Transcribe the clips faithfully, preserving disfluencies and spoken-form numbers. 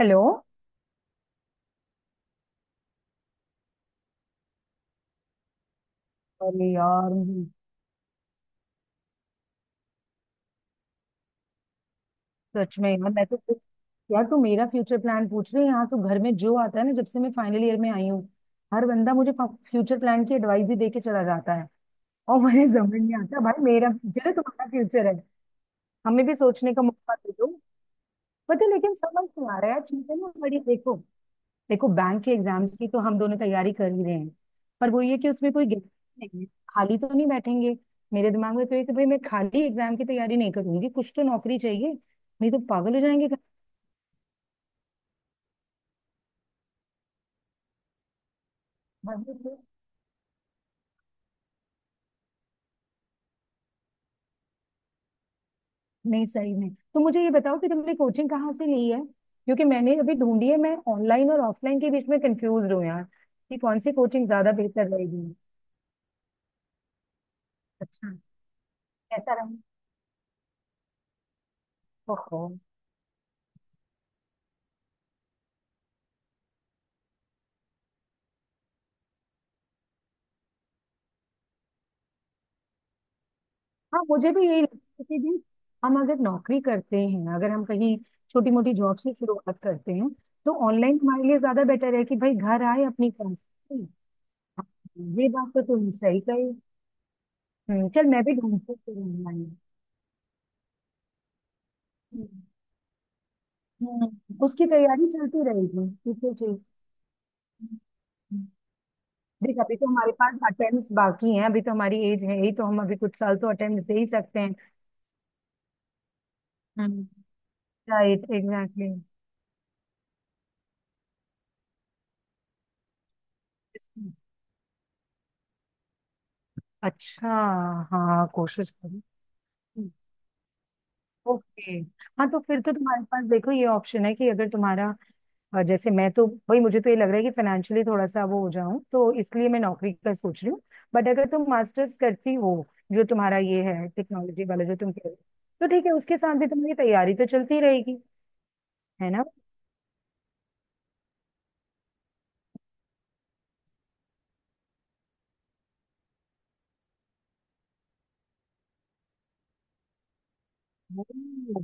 Hello. अरे यार, सच में यार मैं तो। यार, तू मेरा फ्यूचर प्लान पूछ रही है, यहाँ तो घर में जो आता है ना, जब से मैं फाइनल ईयर में आई हूँ हर बंदा मुझे फ्यूचर प्लान की एडवाइस ही दे के चला जाता है। और मुझे समझ नहीं आता भाई, मेरा फ्यूचर है तुम्हारा फ्यूचर है, हमें भी सोचने का मौका दे दो। पता है, लेकिन समझ नहीं आ रहा है यार, चीजें ना बड़ी, देखो। देखो, बैंक के एग्जाम्स की तो हम दोनों तैयारी कर ही रहे हैं। पर वो ये कि उसमें कोई guarantee नहीं है, खाली तो नहीं बैठेंगे। मेरे दिमाग में तो ये कि भाई मैं खाली एग्जाम की तैयारी नहीं करूंगी, कुछ तो नौकरी चाहिए। नहीं तो पागल हो जाएंगे घर- नहीं, सही में तो मुझे ये बताओ कि तुमने कोचिंग कहाँ से ली है, क्योंकि मैंने अभी ढूंढी है, मैं ऑनलाइन और ऑफलाइन के बीच में कंफ्यूज हूँ यार, कि कौन सी कोचिंग ज्यादा बेहतर रहेगी। अच्छा। ऐसा रहा। ओहो। हाँ, मुझे भी यही लगता है कि भी हम अगर नौकरी करते हैं, अगर हम कहीं छोटी मोटी जॉब से शुरुआत करते हैं तो ऑनलाइन हमारे लिए ज्यादा बेटर है कि भाई घर आए अपनी काम से। ये बात तो तुम सही कही। हम्म, चल मैं भी ढूंढती हूँ ऑनलाइन। हम्म। हम्म, उसकी तैयारी चलती रहेगी, ठीक है, ठीक। हम्म। देख, अभी तो हमारे पास अटेम्प्ट्स बाकी हैं, अभी तो हमारी एज है ही, तो हम अभी कुछ साल तो अटेम्प्ट्स दे ही सकते हैं। Right, exactly. अच्छा। हाँ, कोशिश करो। ओके। हाँ, तो फिर तो तुम्हारे पास देखो ये ऑप्शन है कि अगर तुम्हारा अ, जैसे मैं तो, भाई मुझे तो ये लग रहा है कि फाइनेंशियली थोड़ा सा वो हो जाऊं, तो इसलिए मैं नौकरी का सोच रही हूँ। बट अगर तुम मास्टर्स करती हो, जो तुम्हारा ये है टेक्नोलॉजी वाला जो तुम कह रहे हो, तो ठीक है, उसके साथ भी तुम्हारी तैयारी तो चलती रहेगी। है ना।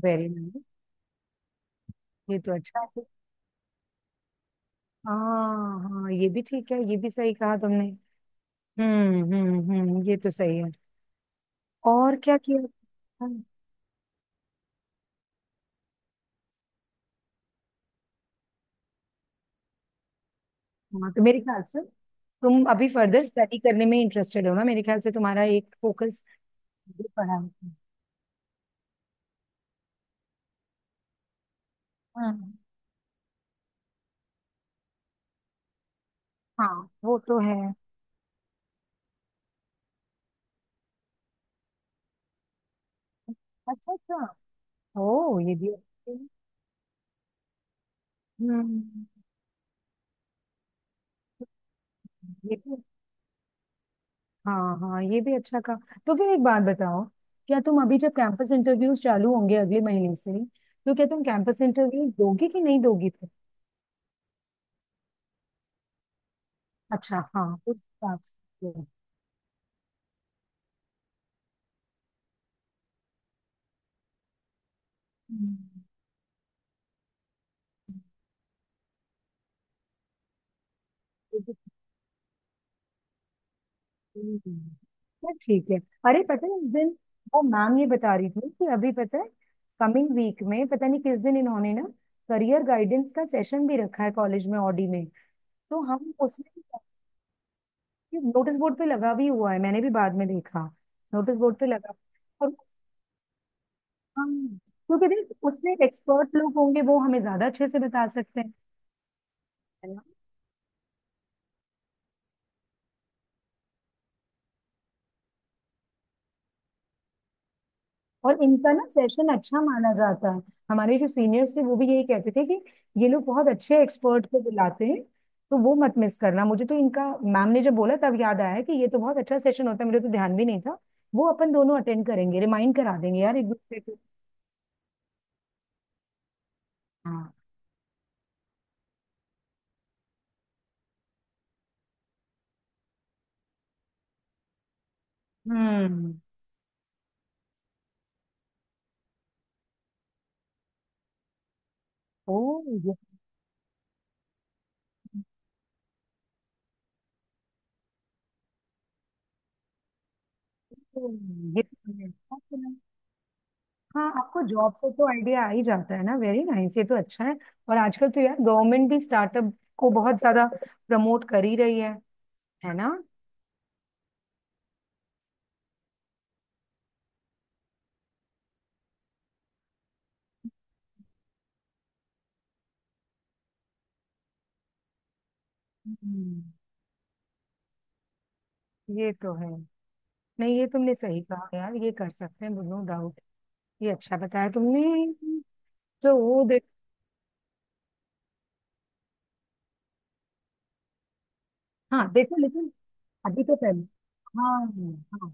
वेरी नाइस, ये तो अच्छा है। हाँ हाँ, ये भी ठीक है, ये भी सही कहा तुमने। हम्म हम्म हम्म, ये तो सही है। और क्या किया। हाँ, तो मेरे ख्याल से तुम अभी फर्दर स्टडी करने में इंटरेस्टेड हो ना, मेरे ख्याल से तुम्हारा एक फोकस पढ़ाई पे। हाँ हाँ, वो तो है। अच्छा अच्छा। ओ, ये भी अच्छा है। हम्म, ये भी। हाँ हाँ, ये भी अच्छा कहा। तो फिर एक बात बताओ, क्या तुम अभी जब कैंपस इंटरव्यूज चालू होंगे अगले महीने से, तो क्या तुम कैंपस इंटरव्यूज दोगी कि नहीं दोगी फिर। अच्छा, हाँ, उस हिसाब से। हम्म। हम्म, तो ठीक है। अरे पता है उस दिन वो मैम ये बता रही थी कि अभी पता है कमिंग वीक में पता नहीं किस दिन इन्होंने ना करियर गाइडेंस का सेशन भी रखा है कॉलेज में ऑडी में। तो हम उसमें, नोटिस बोर्ड पे लगा भी हुआ है, मैंने भी बाद में देखा। नोटिस बोर्ड पे लगा। और हम, क्योंकि देख उसमें एक्सपर्ट लोग होंगे, वो हमें ज्यादा अच्छे से बता सकते हैं। है ना। और इनका ना सेशन अच्छा माना जाता है, हमारे जो सीनियर्स थे वो भी यही कहते थे कि ये लोग बहुत अच्छे एक्सपर्ट को बुलाते हैं, तो वो मत मिस करना। मुझे तो इनका मैम ने जब बोला तब याद आया कि ये तो बहुत अच्छा सेशन होता है, मुझे तो ध्यान भी नहीं था। वो अपन दोनों अटेंड करेंगे, रिमाइंड करा देंगे यार एक दूसरे को। हाँ। हम्म। ओ, ये तो ये तो मैंने अच्छा सुना। हाँ आपको जॉब से तो आइडिया आ ही जाता है ना, वेरी नाइस, ये तो अच्छा है। और आजकल तो यार गवर्नमेंट भी स्टार्टअप को बहुत ज्यादा प्रमोट कर ही रही है। है ना। हम्म, ये तो है। नहीं, ये तुमने सही कहा यार, ये कर सकते हैं, नो डाउट। ये अच्छा बताया तुमने। तो वो देख। हाँ देखो, लेकिन अभी तो पहले। हाँ हाँ,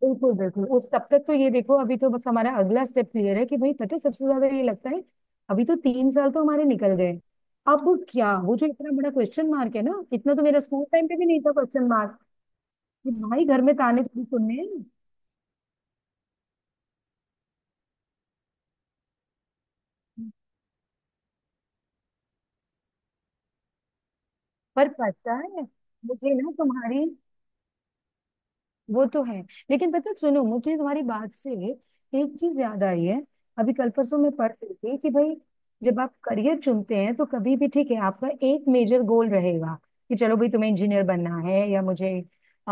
बिल्कुल बिल्कुल, उस तब तक तो ये देखो, अभी तो बस हमारा अगला स्टेप क्लियर है कि भाई पता है, सबसे ज्यादा ये लगता है, अभी तो तीन साल तो हमारे निकल गए। अब क्या, वो जो इतना बड़ा क्वेश्चन मार्क है ना, इतना तो मेरा स्कूल टाइम पे भी नहीं था क्वेश्चन मार्क, कि भाई घर में ताने थोड़ी सुनने हैं। पर पता है मुझे ना तुम्हारी, वो तो है। लेकिन पता है, सुनो, मुझे तुम्हारी बात से एक चीज याद आई है। अभी कल परसों मैं पढ़ रही थी कि भाई जब आप करियर चुनते हैं तो कभी भी, ठीक है, आपका एक मेजर गोल रहेगा कि चलो भाई तुम्हें इंजीनियर बनना है या मुझे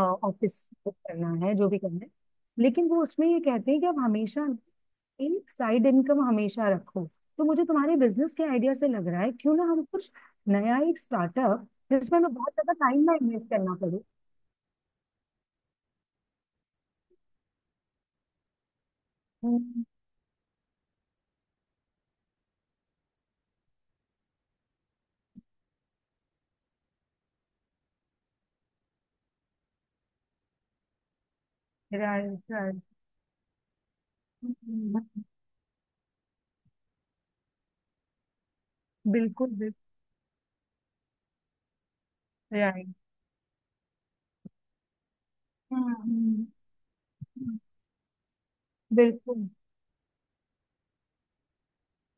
ऑफिस करना है, जो भी करना है। लेकिन वो उसमें ये कहते हैं कि आप हमेशा एक साइड इनकम हमेशा रखो। तो मुझे तुम्हारे बिजनेस के आइडिया से लग रहा है, क्यों ना हम कुछ नया एक स्टार्टअप, जिसमें हमें बहुत ज्यादा टाइम ना इन्वेस्ट करना पड़े। राइट। हम्म, बिल्कुल बिल्कुल। राइट। हाँ, हम्म, बिल्कुल।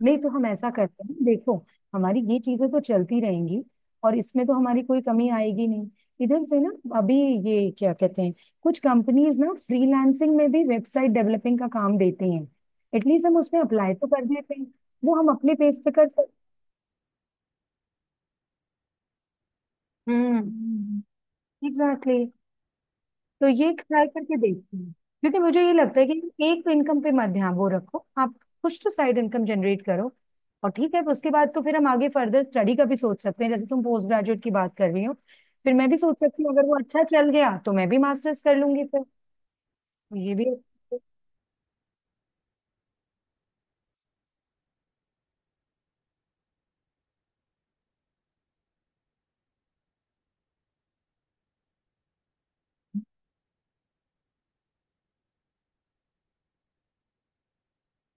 नहीं तो हम ऐसा करते हैं, देखो, हमारी ये चीजें तो चलती रहेंगी, और इसमें तो हमारी कोई कमी आएगी नहीं, इधर से ना। अभी, ये क्या कहते हैं, कुछ कंपनीज ना फ्रीलांसिंग में भी वेबसाइट डेवलपिंग का काम देती हैं, एटलीस्ट हम उसमें अप्लाई तो कर देते हैं। वो हम अपने पेज पे कर सकते। हम्म, एग्जैक्टली। तो ये ट्राई करके देखती हूँ, क्योंकि मुझे ये लगता है कि एक तो इनकम पे मत ध्यान वो रखो आप, कुछ तो साइड इनकम जनरेट करो। और ठीक है, उसके बाद तो फिर हम आगे फर्दर स्टडी का भी सोच सकते हैं जैसे तुम पोस्ट ग्रेजुएट की बात कर रही हो, फिर मैं भी सोच सकती हूँ, अगर वो अच्छा चल गया तो मैं भी मास्टर्स कर लूंगी फिर। तो ये भी अच्छा है।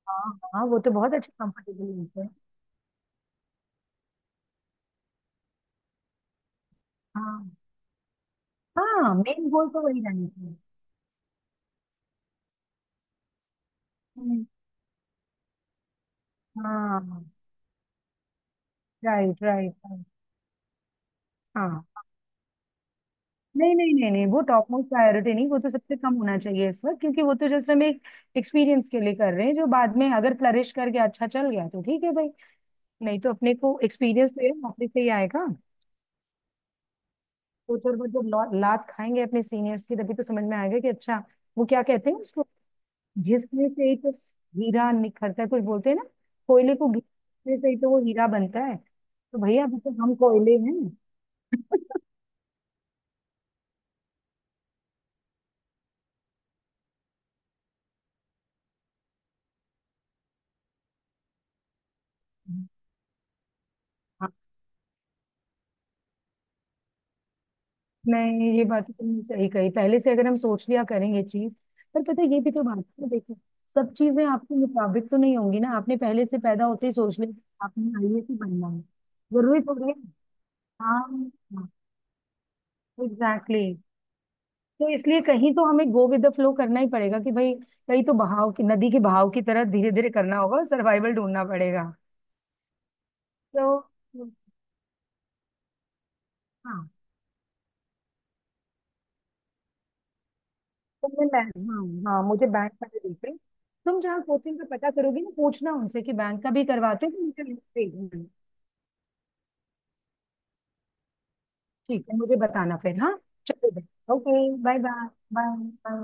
हाँ हाँ, वो तो बहुत अच्छा कंफर्टेबल होता है। हाँ, हाँ मेन गोल तो वही रहना चाहिए। हम्म। हाँ। Right right right. हाँ। नहीं नहीं नहीं नहीं, वो टॉप मोस्ट प्रायोरिटी नहीं, वो तो सबसे कम होना चाहिए इस वक्त, क्योंकि वो तो जस्ट हम एक एक्सपीरियंस के लिए कर रहे हैं, जो बाद में अगर फ्लरिश करके अच्छा चल गया तो ठीक है भाई, नहीं तो अपने को एक्सपीरियंस तो ये नौकरी से ही आएगा। तो थोड़ा बहुत जब लौ- लात खाएंगे अपने सीनियर्स की, तभी तो समझ में आएगा कि अच्छा, वो क्या कहते हैं उसको, घिसने से ही तो हीरा निखरता है, कुछ बोलते हैं ना, कोयले को घिसने से ही तो वो हीरा बनता है। तो भैया अभी तो हम कोयले हैं। नहीं, ये बात तो तुमने सही कही, पहले से अगर हम सोच लिया करेंगे चीज। पर पता है, ये भी तो बात है ना, देखो, सब चीजें आपके मुताबिक तो नहीं होंगी ना, आपने पहले से पैदा होते ही सोच लिया कि आपने आईएएस ही बनना है, जरूरी थोड़ी है। हाँ, एग्जैक्टली, exactly. तो इसलिए कहीं तो हमें गो विद द फ्लो करना ही पड़ेगा, कि भाई कहीं तो बहाव की, नदी के बहाव की तरह धीरे धीरे करना होगा, सर्वाइवल ढूंढना पड़ेगा। तो हाँ, तुमने बैंक, हाँ हाँ, मुझे बैंक वाले देख रहे। तुम जहाँ कोचिंग का पता करोगी ना, पूछना उनसे कि बैंक का भी करवाते हो तो मुझे link भेजना। है। ठीक है, मुझे बताना फिर, हाँ। चलो, ओके, बाय बाय। बाय।